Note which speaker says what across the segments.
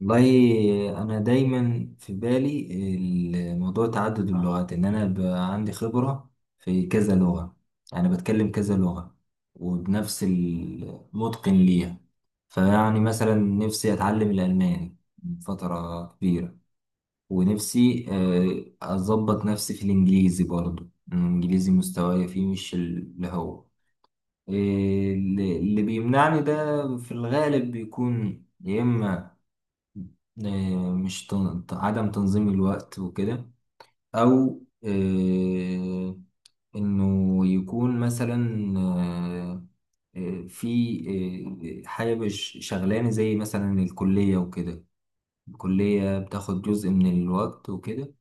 Speaker 1: والله انا دايما في بالي الموضوع تعدد اللغات ان انا بقى عندي خبرة في كذا لغة. انا بتكلم كذا لغة وبنفس المتقن ليها. فيعني مثلا نفسي اتعلم الالماني من فترة كبيرة. ونفسي اظبط نفسي في الانجليزي برضو، الانجليزي مستواي فيه مش اللي هو. آه، اللي بيمنعني ده في الغالب بيكون يا اما آه، مش تن- ت- عدم تنظيم الوقت وكده، او انه يكون مثلا آه، آه، في آه، حاجة مش شغلانة زي مثلا الكلية وكده. الكلية بتاخد جزء من الوقت وكده.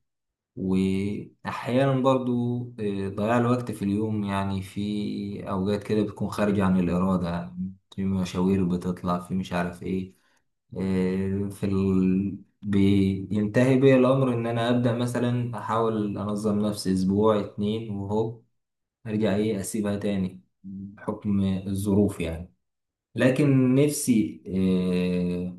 Speaker 1: وأحيانا برضو ضياع الوقت في اليوم، يعني في أوقات كده بتكون خارجة عن الإرادة، يعني في مشاوير بتطلع، في مش عارف إيه. بينتهي بي الأمر إن أنا أبدأ مثلا أحاول أنظم نفسي أسبوع 2 وهو أرجع إيه أسيبها تاني بحكم الظروف يعني. لكن نفسي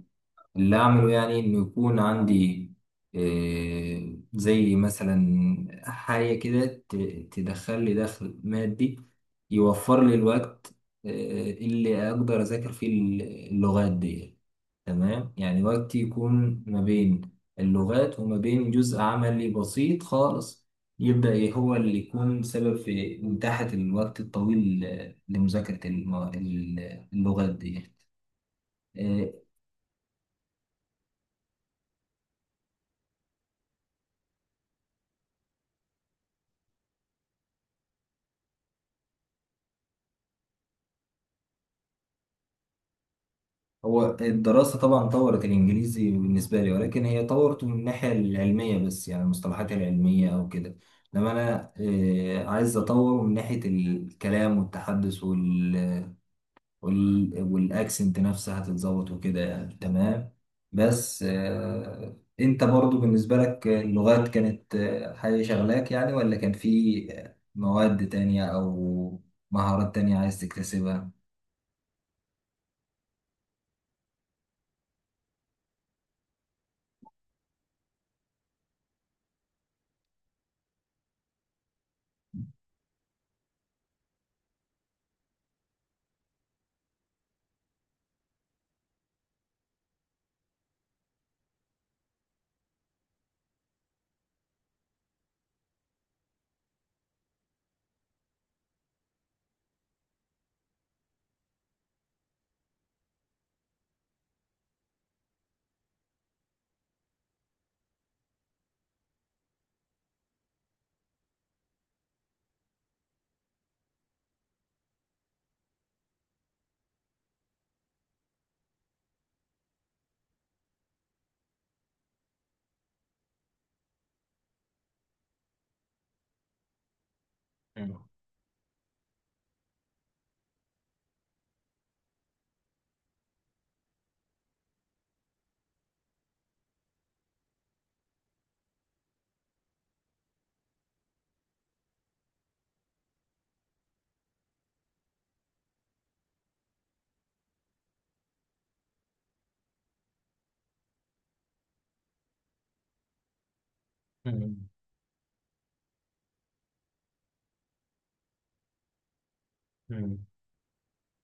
Speaker 1: اللي أعمله يعني إنه يكون عندي زي مثلا حاجة كده تدخل لي دخل مادي، يوفر لي الوقت اللي أقدر أذاكر فيه اللغات دي. تمام، يعني وقتي يكون ما بين اللغات وما بين جزء عملي بسيط خالص يبدأ إيه هو اللي يكون سبب في إتاحة الوقت الطويل لمذاكرة اللغات دي. آه، هو الدراسة طبعا طورت الإنجليزي بالنسبة لي، ولكن هي طورته من الناحية العلمية بس، يعني المصطلحات العلمية أو كده. لما أنا عايز أطوره من ناحية الكلام والتحدث والأكسنت نفسها تتظبط وكده يعني، تمام. بس أنت برضو بالنسبة لك اللغات كانت حاجة شغلاك يعني، ولا كان في مواد تانية أو مهارات تانية عايز تكتسبها؟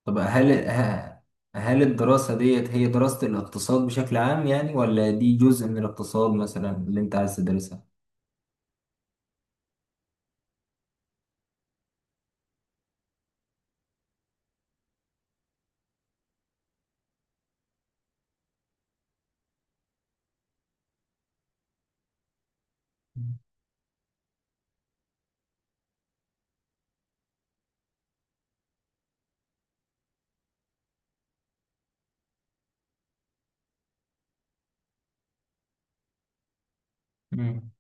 Speaker 1: طب هل هل الدراسة ديت هي دراسة الاقتصاد بشكل عام يعني، ولا دي جزء من الاقتصاد مثلا اللي انت عايز تدرسها؟ مم.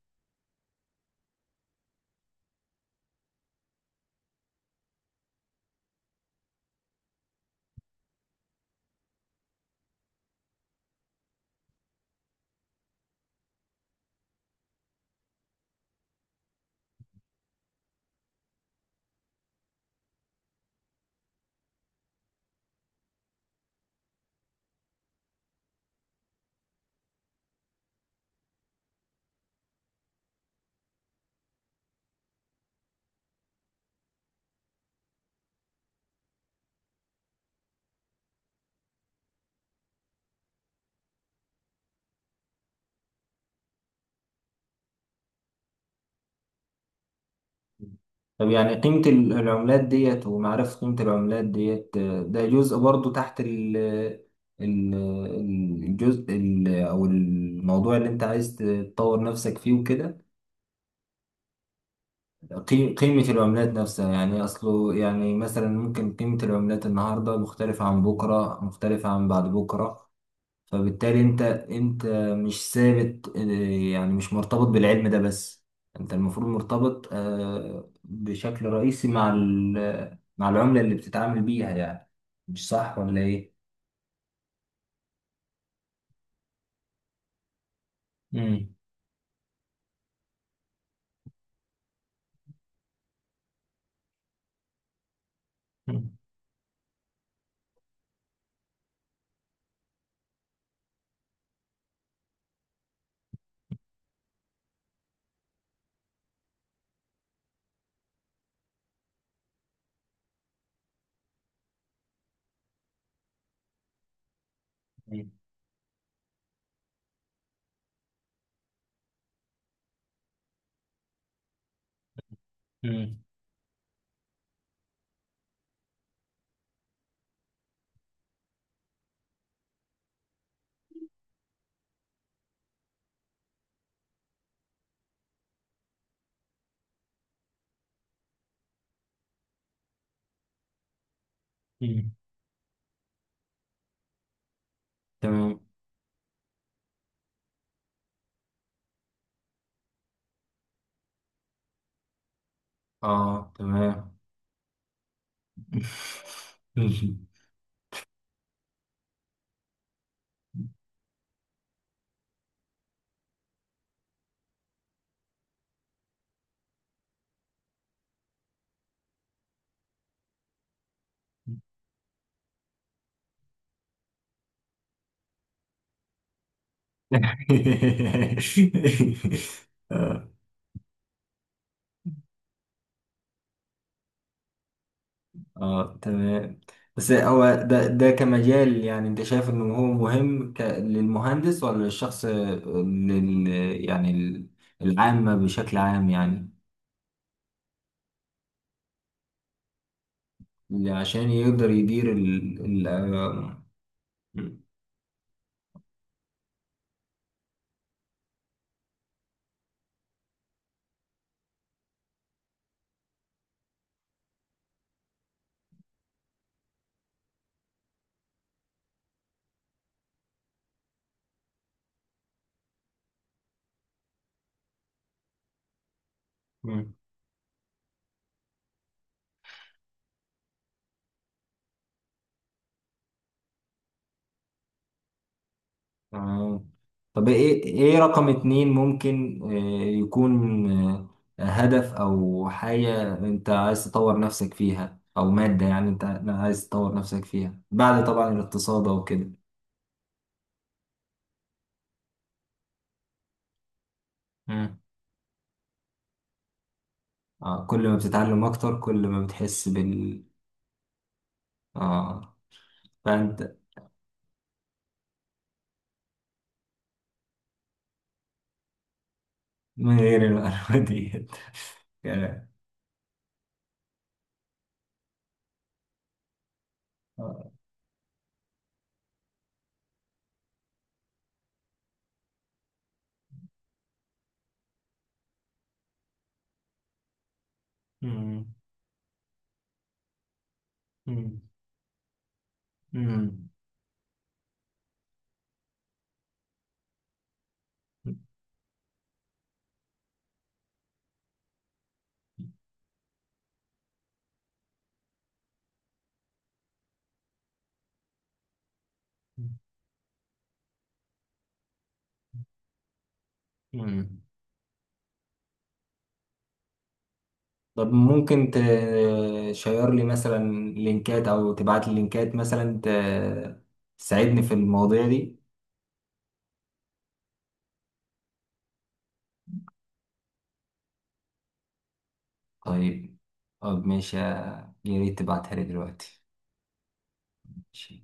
Speaker 1: طب يعني قيمة العملات ديت ومعرفة قيمة العملات ديت، ده جزء برضو تحت ال- الجزء أو الموضوع اللي أنت عايز تطور نفسك فيه وكده. قيمة العملات نفسها، يعني أصله يعني مثلا ممكن قيمة العملات النهاردة مختلفة عن بكرة، مختلفة عن بعد بكرة، فبالتالي انت مش ثابت يعني مش مرتبط بالعلم ده بس، انت المفروض مرتبط بشكل رئيسي مع مع العملة اللي بتتعامل بيها يعني. مش صح ولا ايه؟ مم. مم. مم. مم. مم. تمام. اه، تمام. آه. اه، تمام. بس هو ده كمجال، يعني انت شايف انه هو مهم للمهندس ولا للشخص، يعني العامة بشكل عام يعني، اللي عشان يقدر يدير ال... ال... آه، مم. تمام. طب ايه، رقم 2 ممكن يكون هدف او حاجة انت عايز تطور نفسك فيها، او مادة يعني انت عايز تطور نفسك فيها بعد طبعا الاقتصاد او كده. آه، كل ما بتتعلم أكتر كل ما بتحس بال. آه، فأنت. من غير المعلومة ديت. كلام. آه. مم. مم. مم. مم. طب ممكن تشير لي مثلا لينكات، أو تبعت لي لينكات مثلا تساعدني في المواضيع دي. طيب. طب ماشي، يا ريت تبعتها لي دلوقتي. ماشي.